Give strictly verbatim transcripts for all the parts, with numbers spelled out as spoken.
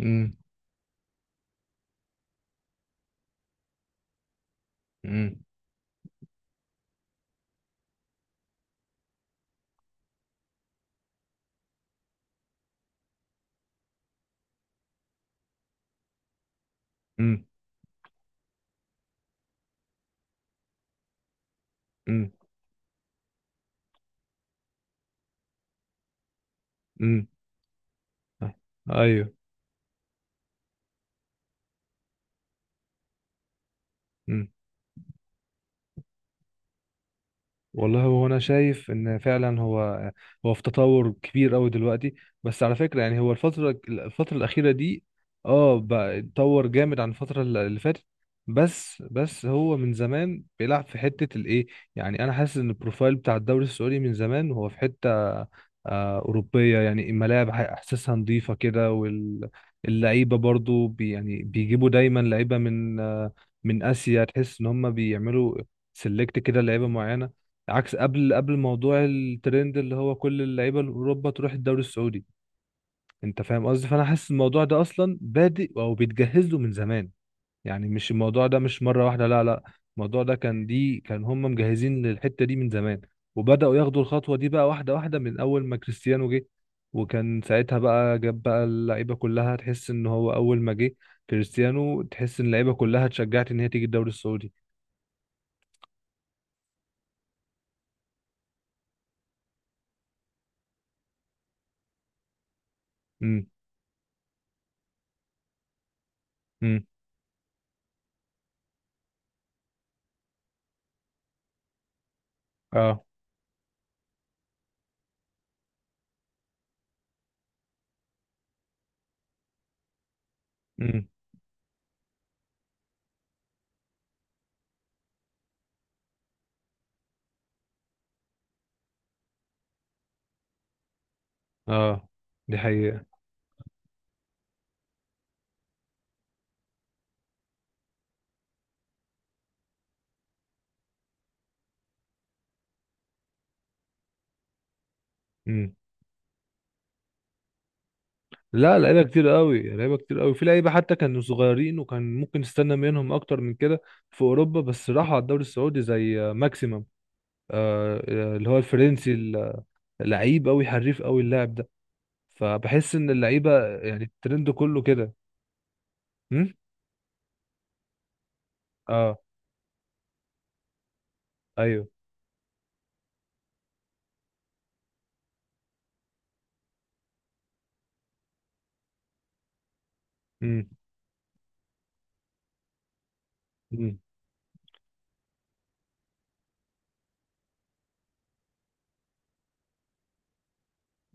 امم. امم. امم. امم. ايوه. مم. والله هو انا شايف ان فعلا هو هو في تطور كبير قوي دلوقتي. بس على فكره، يعني هو الفتره الفتره الاخيره دي اه بقى اتطور جامد عن الفتره الل- اللي فاتت. بس بس هو من زمان بيلعب في حته الايه، يعني انا حاسس ان البروفايل بتاع الدوري السعودي من زمان هو في حته آه، أوروبية، يعني الملاعب ح- إحساسها نظيفة كده، واللعيبة برضو بي يعني بيجيبوا دايما لعيبة من آه، من آسيا. تحس إن هم بيعملوا سيلكت كده لعيبة معينة، عكس قبل قبل موضوع الترند اللي هو كل اللعيبه الاوروبا تروح الدوري السعودي. انت فاهم قصدي؟ فانا حاسس الموضوع ده اصلا بادئ او بيتجهز له من زمان. يعني مش الموضوع ده مش مره واحده، لا لا. الموضوع ده كان، دي كان هم مجهزين للحته دي من زمان، وبداوا ياخدوا الخطوه دي بقى واحده واحده من اول ما كريستيانو جه. وكان ساعتها بقى جاب بقى اللعيبه كلها. تحس ان هو اول ما جه كريستيانو تحس ان اللعيبه كلها اتشجعت ان هي تيجي الدوري السعودي. امم. امم. اه. امم. اه، دي حقيقة. مم. لا، لعيبه كتير قوي، لعيبه كتير قوي، في لعيبه حتى كانوا صغيرين وكان ممكن نستنى منهم اكتر من كده في اوروبا، بس راحوا على الدوري السعودي زي آه، ماكسيمم، آه، آه، اللي هو الفرنسي ال- لعيب قوي، حريف قوي اللاعب ده. فبحس ان اللعيبه يعني الترند كله كده. مم؟ اه. ايوه. مم. مم.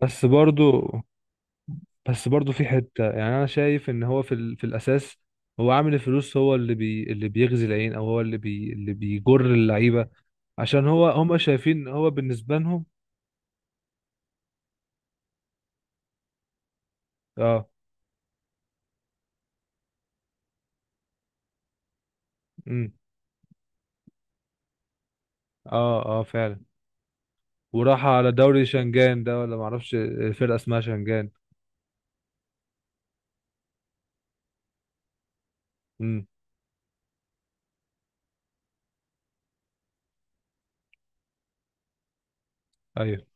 بس برضو بس برضو في حته، يعني انا شايف ان هو في ال... في الاساس هو عامل الفلوس، هو اللي بي... اللي بيغزي العين، او هو اللي بي... اللي بيجر اللعيبه، عشان هو هم شايفين هو بالنسبة لهم. اه. امم. اه. اه فعلا. وراح على دوري شنغان ده، ولا معرفش الفرقة اسمها شنغان. امم. ايوه.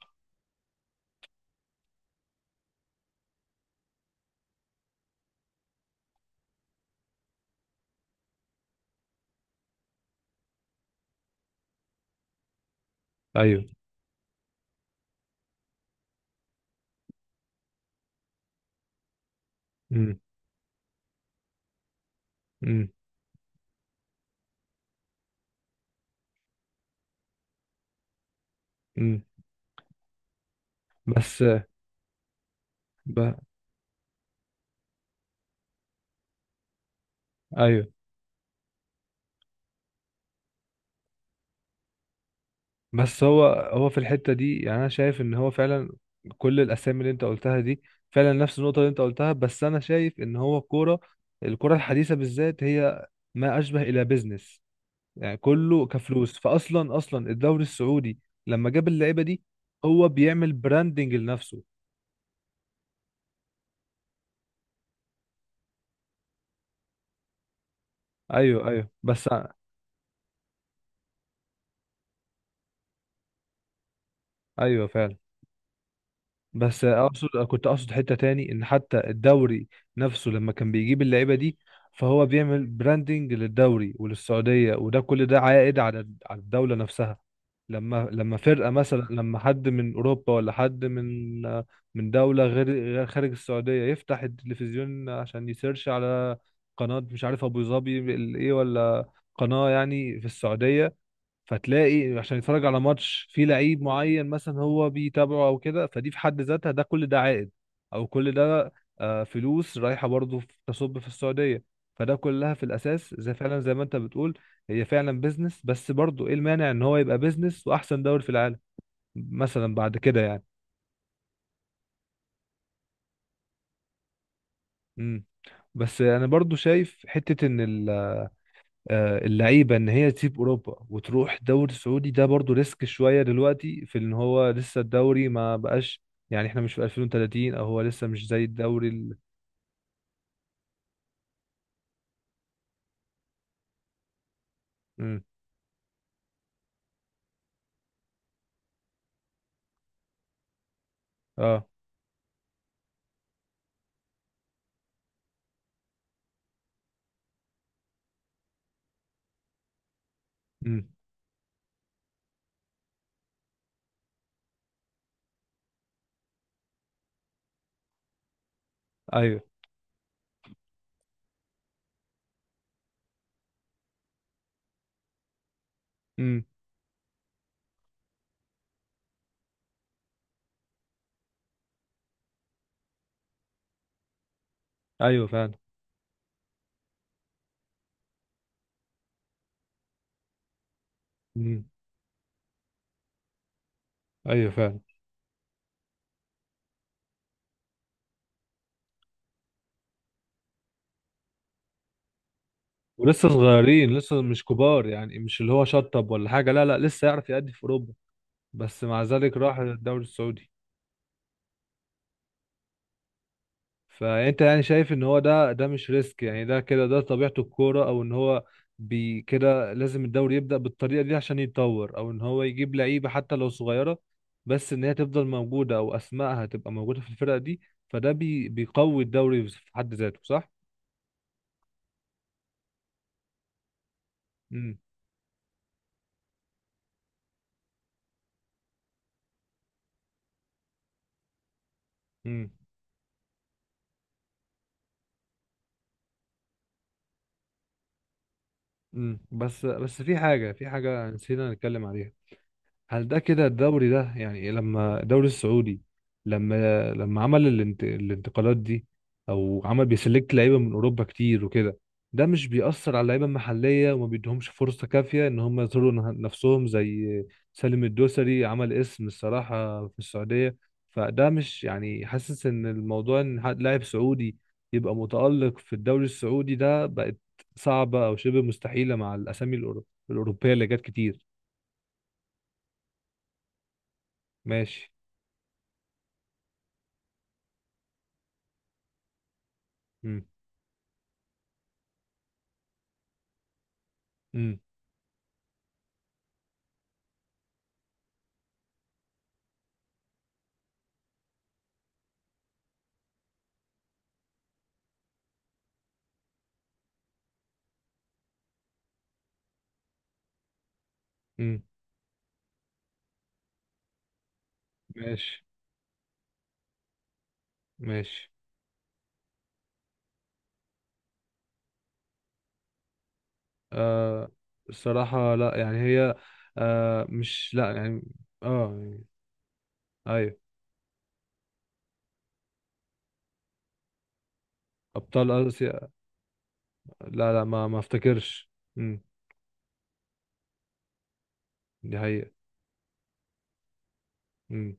ايوه. امم. امم. امم. بس ب... ايوه، بس هو هو في الحتة دي، يعني انا شايف ان هو فعلا كل الاسامي اللي انت قلتها دي فعلا نفس النقطة اللي انت قلتها. بس انا شايف ان هو الكورة الكورة الحديثة بالذات هي ما اشبه الى بيزنس. يعني كله كفلوس. فاصلا اصلا الدوري السعودي لما جاب اللعيبه دي هو بيعمل براندنج لنفسه. ايوه، ايوه، بس. ايوه فعلا. بس اقصد، كنت اقصد حتة تاني، ان حتى الدوري نفسه لما كان بيجيب اللعيبة دي فهو بيعمل براندنج للدوري وللسعودية، وده كل ده عائد على على الدولة نفسها. لما لما فرقة، مثلا لما حد من اوروبا ولا حد من من دولة غير غير خارج السعودية يفتح التلفزيون عشان يسيرش على قناة، مش عارف ابو ظبي ال- ايه، ولا قناة يعني في السعودية، فتلاقي عشان يتفرج على ماتش فيه لعيب معين مثلا هو بيتابعه او كده. فدي في حد ذاتها، ده كل ده عائد، او كل ده آه، فلوس رايحه برضه في- تصب في السعوديه. فده كلها في الاساس، زي فعلا زي ما انت بتقول، هي فعلا بيزنس. بس برضه ايه المانع ان هو يبقى بيزنس واحسن دوري في العالم مثلا بعد كده يعني. امم. بس انا برضه شايف حته ان ال آه، اللعيبه ان هي تسيب اوروبا وتروح دوري سعودي ده برضو ريسك شويه دلوقتي، في ان هو لسه الدوري ما بقاش، يعني احنا مش في ألفين وثلاثين، او هو لسه مش زي الدوري ال... مم. اه. مم. ايوه. مم. ايوه فعلا. مم. ايوه فعلا، ولسه صغيرين، لسه مش كبار، يعني مش اللي هو شطب ولا حاجه، لا لا، لسه يعرف يأدي في اوروبا بس مع ذلك راح الدوري السعودي. فانت يعني شايف ان هو ده ده مش ريسك، يعني ده كده ده طبيعته الكوره، او ان هو بي كده لازم الدوري يبدا بالطريقه دي عشان يتطور، او ان هو يجيب لعيبه حتى لو صغيره بس ان هي تفضل موجوده، او اسمائها تبقى موجوده في الفرقه دي، فده بي بيقوي الدوري في حد ذاته، صح؟ امم. امم. امم. بس بس في حاجه في حاجه نسينا نتكلم عليها. هل ده كده الدوري ده، يعني لما الدوري السعودي، لما لما عمل الانت... الانتقالات دي، او عمل بيسلكت لعيبه من اوروبا كتير وكده، ده مش بيأثر على اللعيبه المحليه وما بيدهمش فرصه كافيه ان هم يظهروا نه- نفسهم؟ زي سالم الدوسري عمل اسم الصراحه في السعوديه. فده مش، يعني حاسس ان الموضوع ان حد- لاعب سعودي يبقى متألق في الدوري السعودي ده بقت صعبة او شبه مستحيلة مع الاسامي الأورو- الاوروبيه اللي جت كتير. ماشي. امم. امم. ماشي. ماشي. آه. الصراحة لا، يعني هي، آه مش لا يعني. اه يعني. ايوه، ابطال اسيا. لا لا، ما ما افتكرش. امم. دي حقيقة. امم.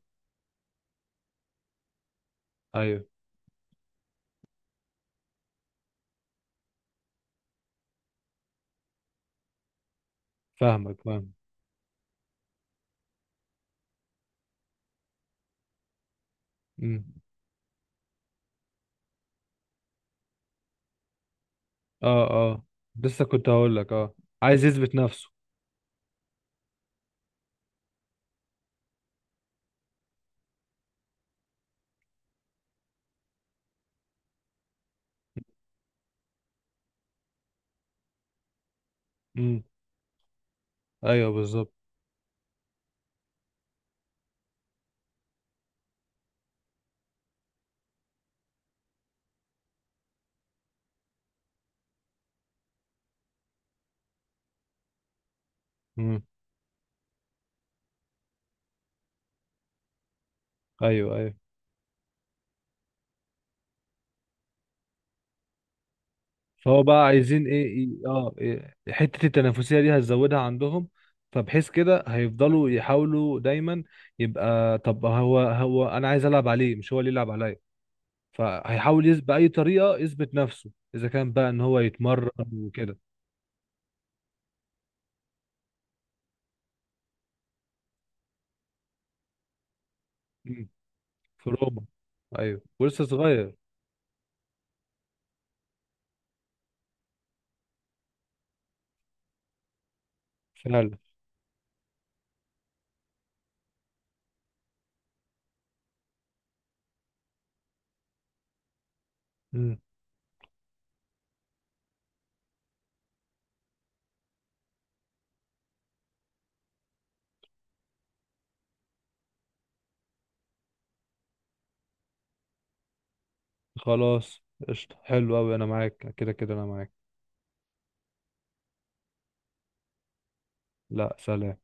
ايوه. فاهمك، فاهم. امم. اه. اه، لسه كنت هقول لك. اه، عايز يثبت نفسه. امم. ايوه بالظبط. امم. ايوه. ايوه. فهو بقى عايزين ايه، إيه- اه إيه حتة التنافسية دي هتزودها عندهم، فبحيث كده هيفضلوا يحاولوا دايما يبقى، طب هو هو انا عايز العب عليه مش هو اللي يلعب عليا. فهيحاول يث- بأي طريقة يثبت نفسه اذا كان بقى ان هو يتمرن وكده. مم. في روما. ايوه ولسه صغير. فعلا. مم. خلاص. قشطة، حلو قوي، انا معاك، كده كده انا معاك. لا، سلام.